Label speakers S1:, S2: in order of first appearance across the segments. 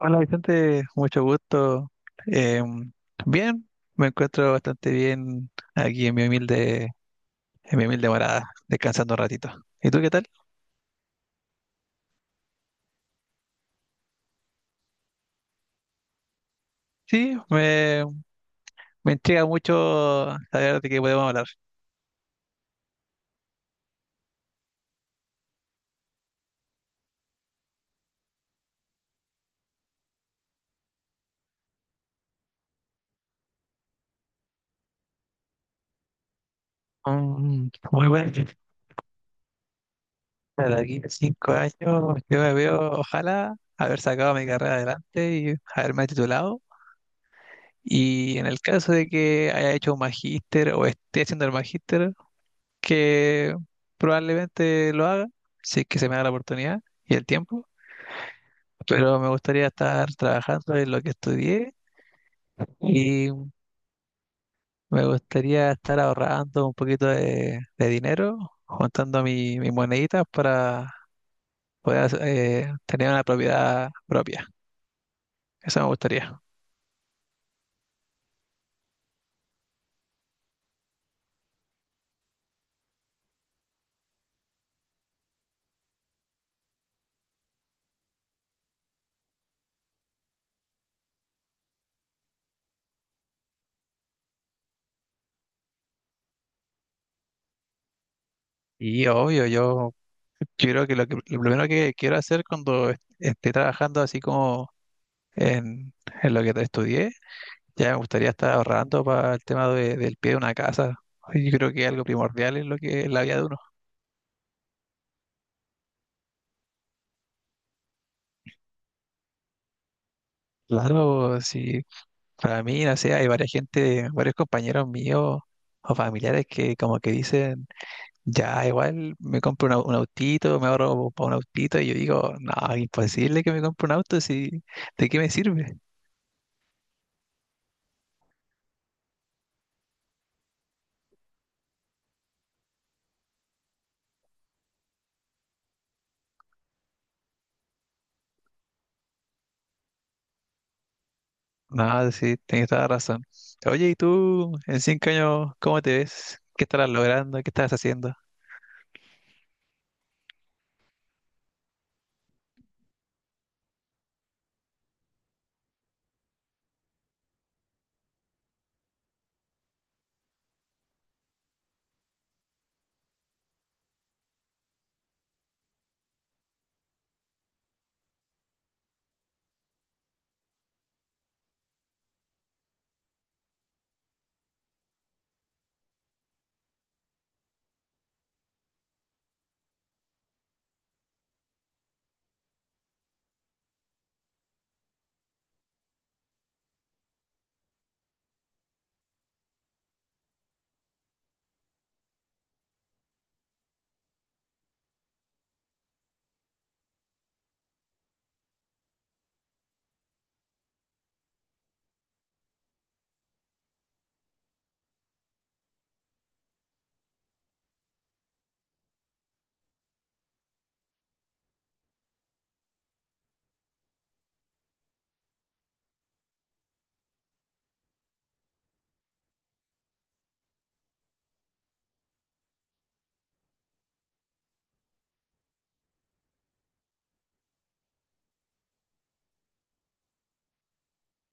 S1: Hola Vicente, mucho gusto. Em, bien, me encuentro bastante bien aquí en mi humilde morada, descansando un ratito. ¿Y tú qué tal? Sí, me intriga mucho saber de qué podemos hablar. Muy bueno. Para aquí a 5 años, yo me veo, ojalá, haber sacado mi carrera adelante y haberme titulado. Y en el caso de que haya hecho un magíster o esté haciendo el magíster, que probablemente lo haga, si es que se me da la oportunidad y el tiempo, pero me gustaría estar trabajando en lo que estudié y me gustaría estar ahorrando un poquito de dinero, juntando mis moneditas para tener una propiedad propia. Eso me gustaría. Y obvio, yo creo que lo primero que quiero hacer cuando esté trabajando así como en, en lo que estudié, ya me gustaría estar ahorrando para el tema del pie de una casa. Yo creo que algo primordial es lo que es la vida de uno. Claro, sí, para mí, no sé, hay varias gente, varios compañeros míos o familiares que como que dicen, ya igual me compro un autito, me ahorro para un autito, y yo digo, no, imposible que me compre un auto, si, ¿de qué me sirve? No, sí, tienes toda la razón. Oye, ¿y tú en 5 años cómo te ves? ¿Qué estarás logrando? ¿Qué estás haciendo?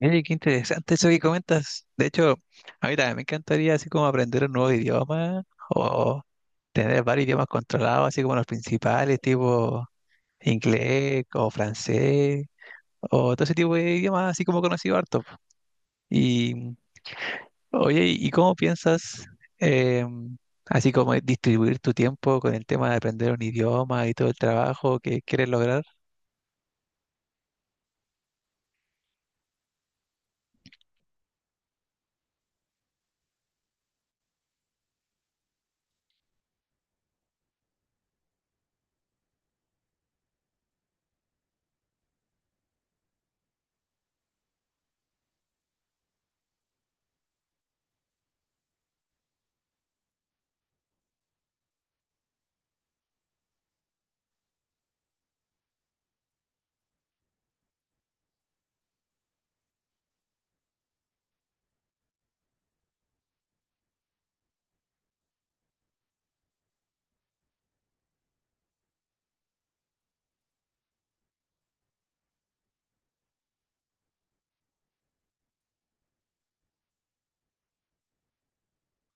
S1: Oye, qué interesante eso que comentas. De hecho, a mí también me encantaría así como aprender un nuevo idioma o tener varios idiomas controlados, así como los principales, tipo inglés o francés o todo ese tipo de idiomas, así como conocido harto. Y, oye, ¿y cómo piensas, eh, así como distribuir tu tiempo con el tema de aprender un idioma y todo el trabajo que quieres lograr?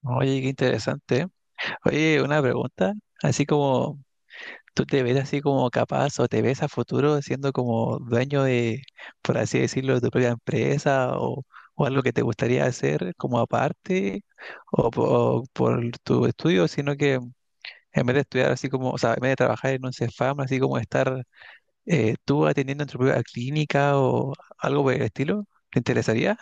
S1: Oye, qué interesante, ¿eh? Oye, una pregunta, así como… ¿Tú te ves así como capaz o te ves a futuro siendo como dueño de, por así decirlo, de tu propia empresa o algo que te gustaría hacer como aparte o, por tu estudio, sino que en vez de estudiar así como, o sea, en vez de trabajar en un Cefam, así como estar tú atendiendo en tu propia clínica o algo por el estilo? ¿Te interesaría?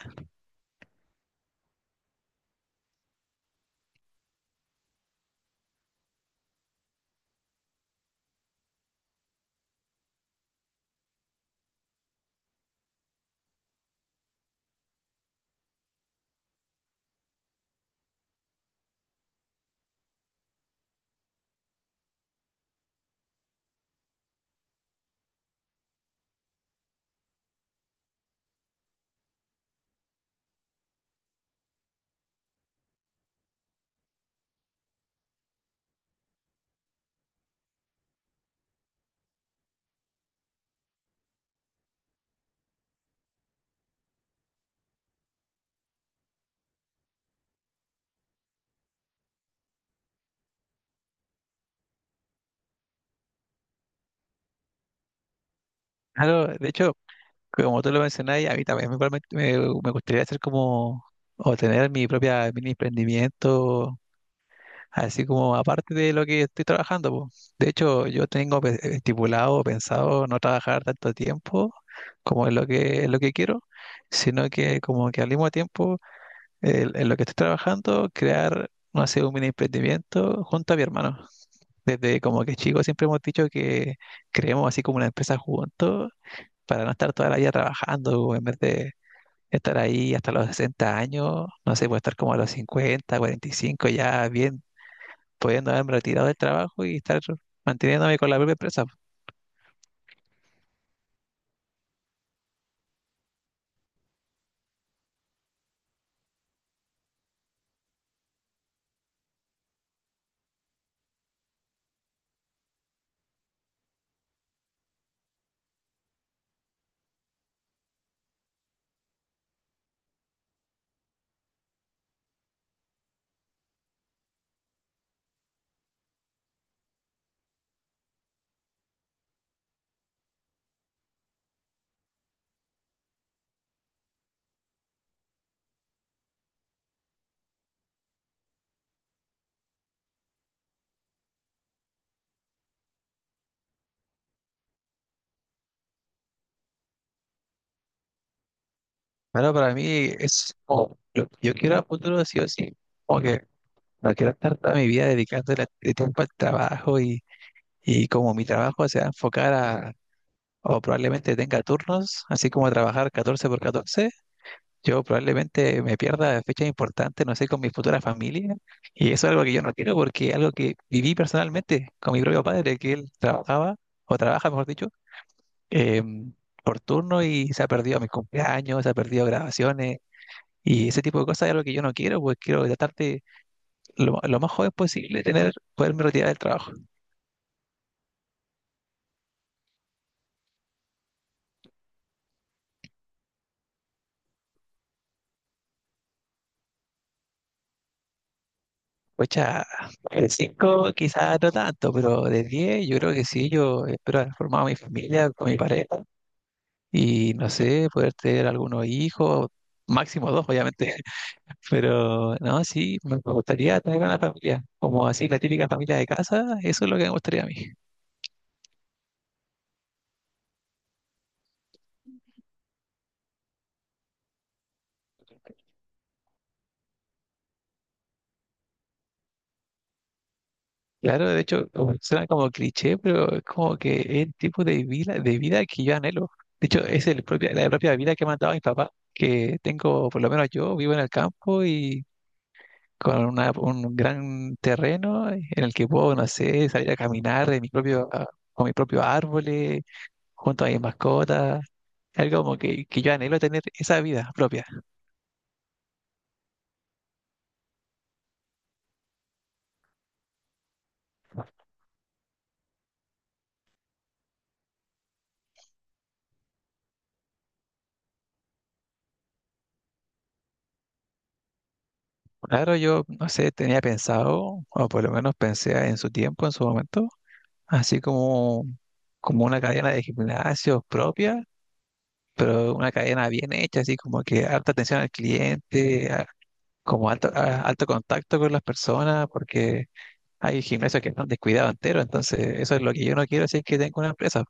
S1: Claro, de hecho, como tú lo mencionabas, a mí también me, me gustaría hacer como, o tener mi propia mini emprendimiento, así como aparte de lo que estoy trabajando, po. De hecho, yo tengo estipulado, pensado no trabajar tanto tiempo como es lo que quiero, sino que como que al mismo tiempo, en lo que estoy trabajando, crear, no sé, un mini emprendimiento junto a mi hermano. Desde como que chicos siempre hemos dicho que creemos así como una empresa juntos para no estar toda la vida trabajando, en vez de estar ahí hasta los 60 años, no sé, puede estar como a los 50 45 ya bien, pudiendo haberme retirado del trabajo y estar manteniéndome con la propia empresa. Pero para mí es como lo yo quiero a futuro sí o sí. Como que no quiero estar toda mi vida dedicándole de tiempo al trabajo y como mi trabajo se va a enfocar o probablemente tenga turnos, así como trabajar 14 por 14. Yo probablemente me pierda fechas importantes, no sé, con mi futura familia. Y eso es algo que yo no quiero porque es algo que viví personalmente con mi propio padre, que él trabajaba, o trabaja, mejor dicho, em, por turno y se ha perdido mis cumpleaños, se ha perdido grabaciones. Y ese tipo de cosas es algo que yo no quiero, pues quiero tratar de lo más joven posible tener, poderme retirar del trabajo. Pues ya, de 5 quizás no tanto, pero de 10 yo creo que sí, yo espero haber formado mi familia con mi pareja y no sé, poder tener algunos hijos, máximo dos, obviamente, pero no, sí, me gustaría tener una familia, como así la típica familia de casa, eso es lo que me gustaría a mí. Claro, de hecho, suena como cliché, pero es como que es el tipo de vida que yo anhelo. De hecho, es el propia, la propia vida que me han dado mis papás, que tengo, por lo menos yo, vivo en el campo y con un gran terreno en el que puedo, no sé, salir a caminar de mi propio, con mis propios árboles, junto a mis mascotas, algo como que yo anhelo tener esa vida propia. Claro, yo, no sé, tenía pensado, o por lo menos pensé en su tiempo, en su momento, así como, como una cadena de gimnasios propia, pero una cadena bien hecha, así como que alta atención al cliente, como alto, alto contacto con las personas, porque hay gimnasios que están descuidados entero, entonces eso es lo que yo no quiero si es que tengo una empresa.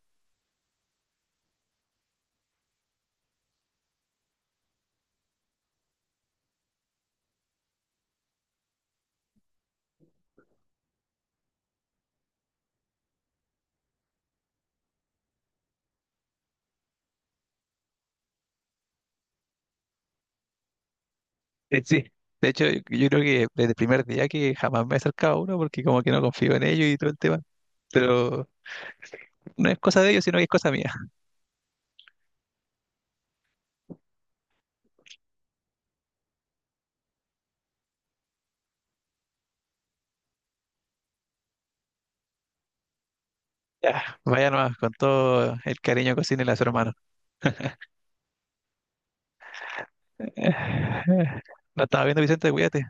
S1: Sí, de hecho, yo creo que desde el primer día que jamás me he acercado a uno porque como que no confío en ellos y todo el tema. Pero no es cosa de ellos, sino que es cosa mía. Ya, vaya nomás, con todo el cariño que tiene a su hermano. Nos estamos viendo, Vicente, cuídate.